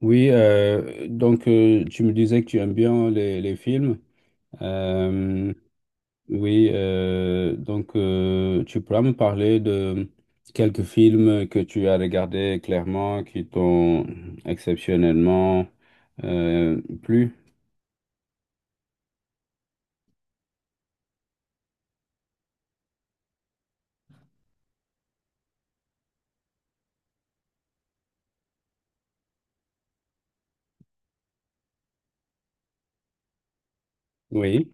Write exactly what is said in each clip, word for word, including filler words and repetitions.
Oui, euh, donc, euh, tu me disais que tu aimes bien les, les films. Euh, oui, euh, donc, euh, tu pourras me parler de quelques films que tu as regardés clairement, qui t'ont exceptionnellement euh, plu. Oui.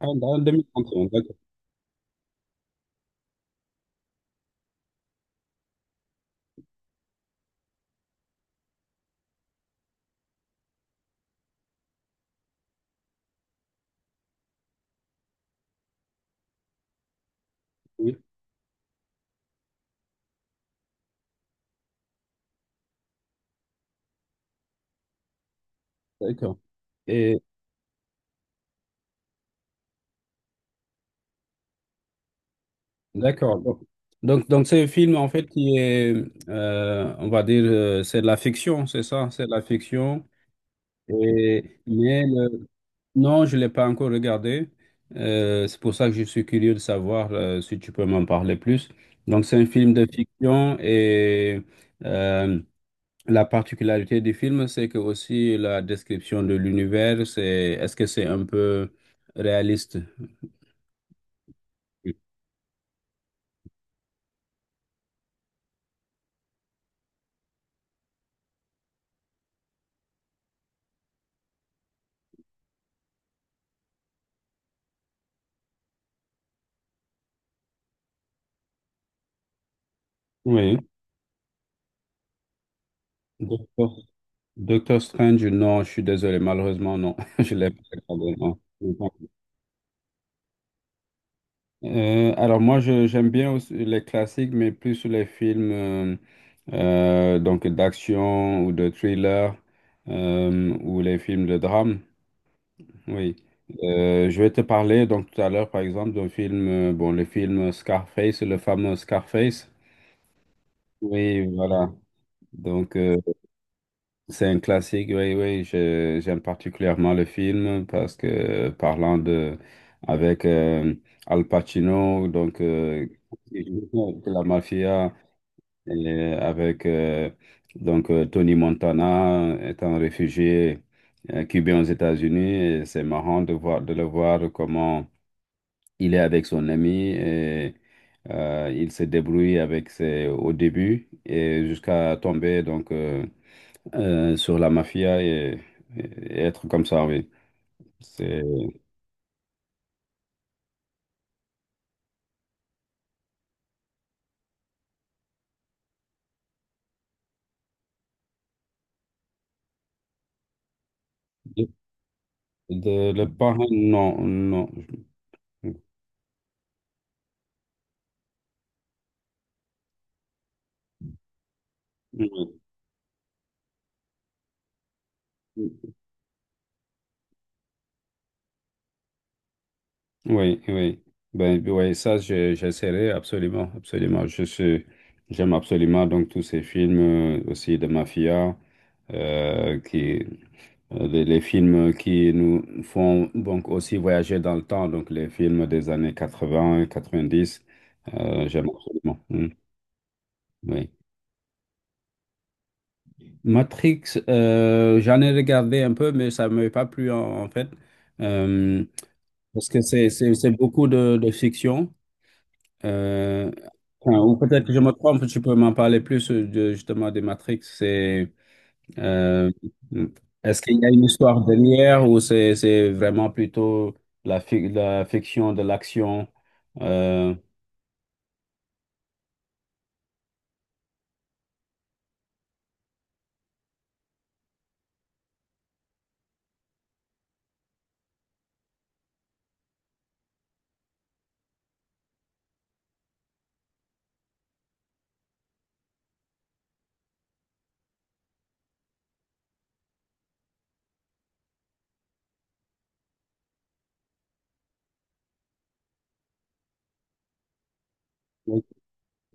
Ah, en deux mille trente et un, d'accord. Oui, d'accord. Et d'accord. Donc, donc, donc c'est un film en fait qui est, euh, on va dire, euh, c'est de la fiction, c'est ça, c'est de la fiction. Et, mais non, je ne l'ai pas encore regardé. Euh, c'est pour ça que je suis curieux de savoir, euh, si tu peux m'en parler plus. Donc, c'est un film de fiction et, euh, la particularité du film, c'est que aussi la description de l'univers, c'est est-ce que c'est un peu réaliste? Oui. Docteur Doctor Strange, non, je suis désolé, malheureusement, non, je l'ai pas regardé, non. Euh, alors moi, je- j'aime bien aussi les classiques, mais plus sur les films, euh, euh, donc d'action ou de thriller, euh, ou les films de drame. Oui. Euh, je vais te parler donc tout à l'heure, par exemple, d'un film, euh, bon, le film Scarface, le fameux Scarface. Oui, voilà. Donc, euh, c'est un classique, oui, oui. Je- j'aime particulièrement le film parce que parlant de avec, euh, Al Pacino, donc, euh, il joue de la mafia, et avec, euh, donc euh, Tony Montana étant réfugié, euh, cubain aux États-Unis, et c'est marrant de voir de le voir comment il est avec son ami et, euh, il se débrouille avec ses au début et jusqu'à tomber donc, euh, euh, sur la mafia, et, et être comme ça, oui. C'est de, de- le parrain, non, non. Oui, oui. Oui. Ben, oui, ça, je- j'essaierai absolument, absolument. Je suis, j'aime absolument donc tous ces films, euh, aussi de mafia, euh, qui, euh, les, les films qui nous font donc aussi voyager dans le temps, donc les films des années quatre-vingts quatre-vingt-dix. Euh, j'aime absolument. Mm, oui. Matrix, euh, j'en ai regardé un peu, mais ça ne m'avait pas plu en, en fait. Euh, Parce que c'est c'est- c'est beaucoup de, de fiction. Euh, enfin, ou peut-être que je me trompe, tu peux m'en parler plus, euh, de, justement des Matrix. C'est, euh, est-ce qu'il y a une histoire derrière ou c'est c'est vraiment plutôt la, fi- la fiction de l'action? Euh,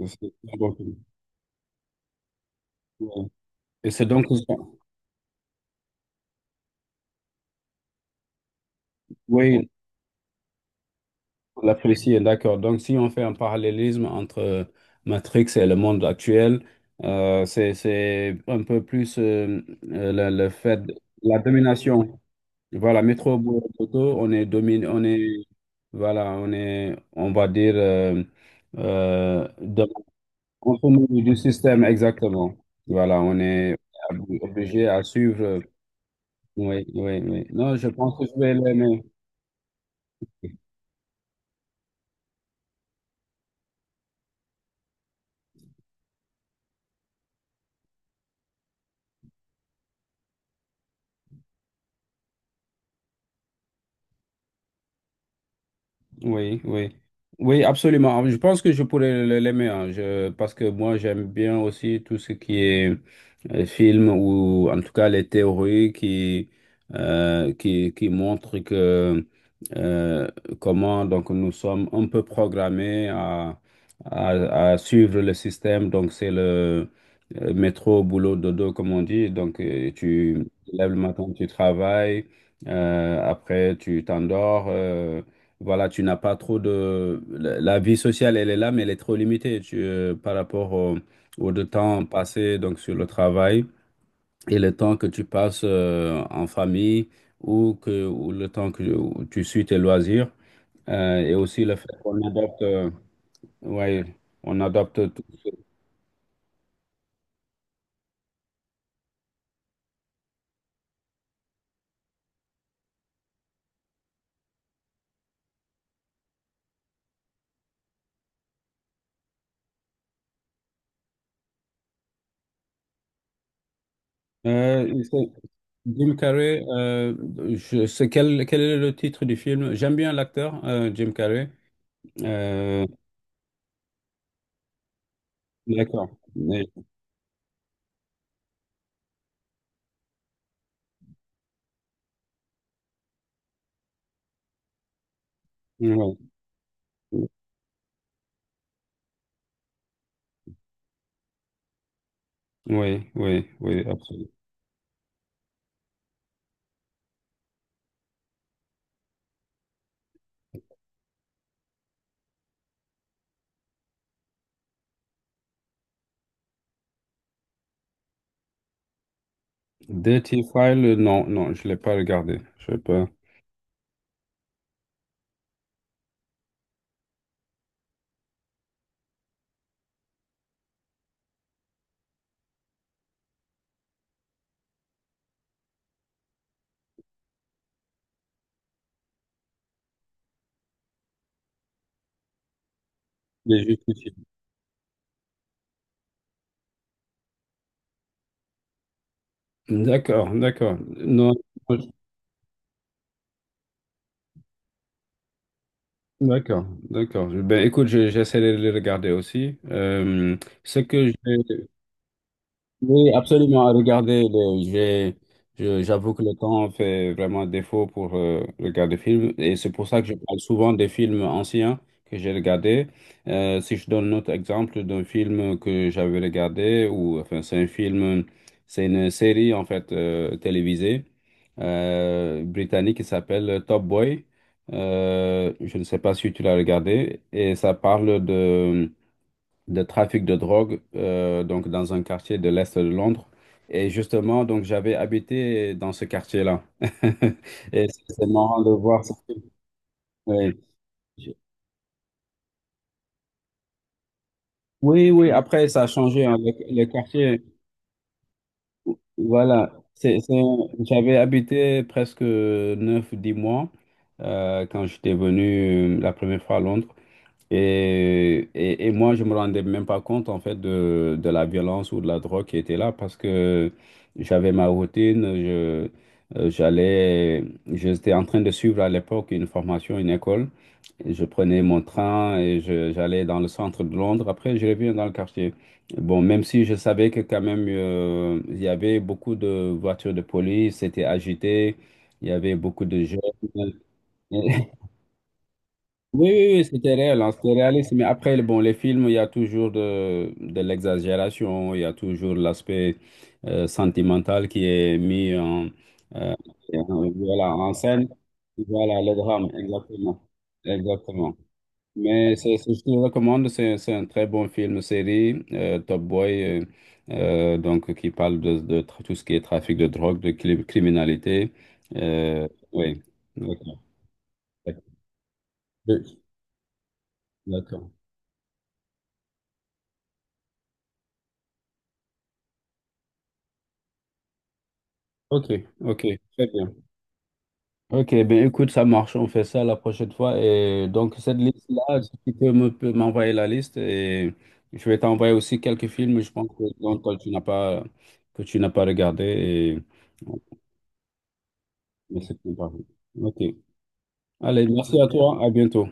c'est- c'est- Et c'est donc, oui, l'apprécier, d'accord. Donc, si on fait un parallélisme entre, euh, Matrix et le monde actuel, euh, c'est, c'est un peu plus, euh, euh, le, le fait, de- la domination. Voilà, métro, boulot, dodo, on est dominé, on est, voilà, on est, on va dire, euh, euh, de- on fait du système, exactement. Voilà, on est obligé à suivre, euh, oui, oui, oui. Non, je pense que je vais l'aimer. Oui, oui. Oui, absolument. Je pense que je pourrais le- l'aimer, hein. Je, parce que moi, j'aime bien aussi tout ce qui est, euh, film ou en tout cas les théories qui, euh, qui, qui montrent que, euh, comment donc nous sommes un peu programmés à, à, à suivre le système. Donc, c'est le, euh, métro, boulot, dodo, comme on dit. Donc, euh, tu te lèves le matin, tu travailles, euh, après, tu t'endors, euh, voilà, tu n'as pas trop de. La la vie sociale, elle est là, mais elle est trop limitée, tu- euh, par rapport au, au de temps passé donc sur le travail et le temps que tu passes, euh, en famille ou, que, ou le temps que où tu suis tes loisirs. Euh, et aussi le fait qu'on adopte. Euh, ouais, on adopte tout. Euh, c'est- Jim Carrey, euh, je sais quel, quel est le titre du film. J'aime bien l'acteur, euh, Jim Carrey. Euh, d'accord. Mais- ouais. Oui, oui, oui, absolument. Dirty File, euh, non, non, je ne l'ai pas regardé. Je sais pas. Les justifier. D'accord, d'accord. Non, d'accord, d'accord. Ben, écoute, je- j'essaie de les regarder aussi. Euh, ce que j'ai. Oui, absolument. Regardez, le- j'ai, je- j'avoue que le temps fait vraiment défaut pour, euh, regarder des films. Et c'est pour ça que je parle souvent des films anciens que j'ai regardés. Euh, si je donne un autre exemple d'un film que j'avais regardé, ou enfin, c'est un film, c'est une série en fait, euh, télévisée, euh, britannique qui s'appelle Top Boy. Euh, je ne sais pas si tu l'as regardé. Et ça parle de de trafic de drogue, euh, donc dans un quartier de l'Est de Londres. Et justement, donc j'avais habité dans ce quartier-là. Et c'est c'est marrant de voir ça. Oui, oui, oui, après ça a changé, hein. Le, le quartier, voilà. C'est, c'est- j'avais habité presque neuf dix mois, euh, quand j'étais venu, euh, la première fois à Londres. Et, et, et moi, je me rendais même pas compte, en fait, de, de la violence ou de la drogue qui était là parce que j'avais ma routine, je, euh, j'allais, j'étais en train de suivre à l'époque une formation, une école. Et je prenais mon train et je- j'allais dans le centre de Londres. Après, je revenais dans le quartier. Bon, même si je savais que quand même, euh, il y avait beaucoup de voitures de police, c'était agité, il y avait beaucoup de jeunes. Oui, oui, oui, c'était réel, hein, c'était réaliste. Mais après, bon, les films, il y a toujours de, de l'exagération, il y a toujours l'aspect, euh, sentimental qui est mis en, euh, en- voilà, en scène. Voilà, le drame, exactement. Exactement. Mais c'est ce que je te recommande, c'est c'est un très bon film, série, euh, Top Boy, euh, euh, donc qui parle de, de tra- tout ce qui est trafic de drogue, de cli- criminalité. Euh, oui, d'accord. D'accord. Ok, ok, très bien. Ok, ben écoute, ça marche, on fait ça la prochaine fois. Et donc, cette liste-là, si tu peux me- peux m'envoyer la liste, et je vais t'envoyer aussi quelques films, je pense, que, dont toi, tu n'as pas, que tu n'as pas regardé. Et. Mais c'est tout, par contre. Ok, allez, merci à toi, à bientôt.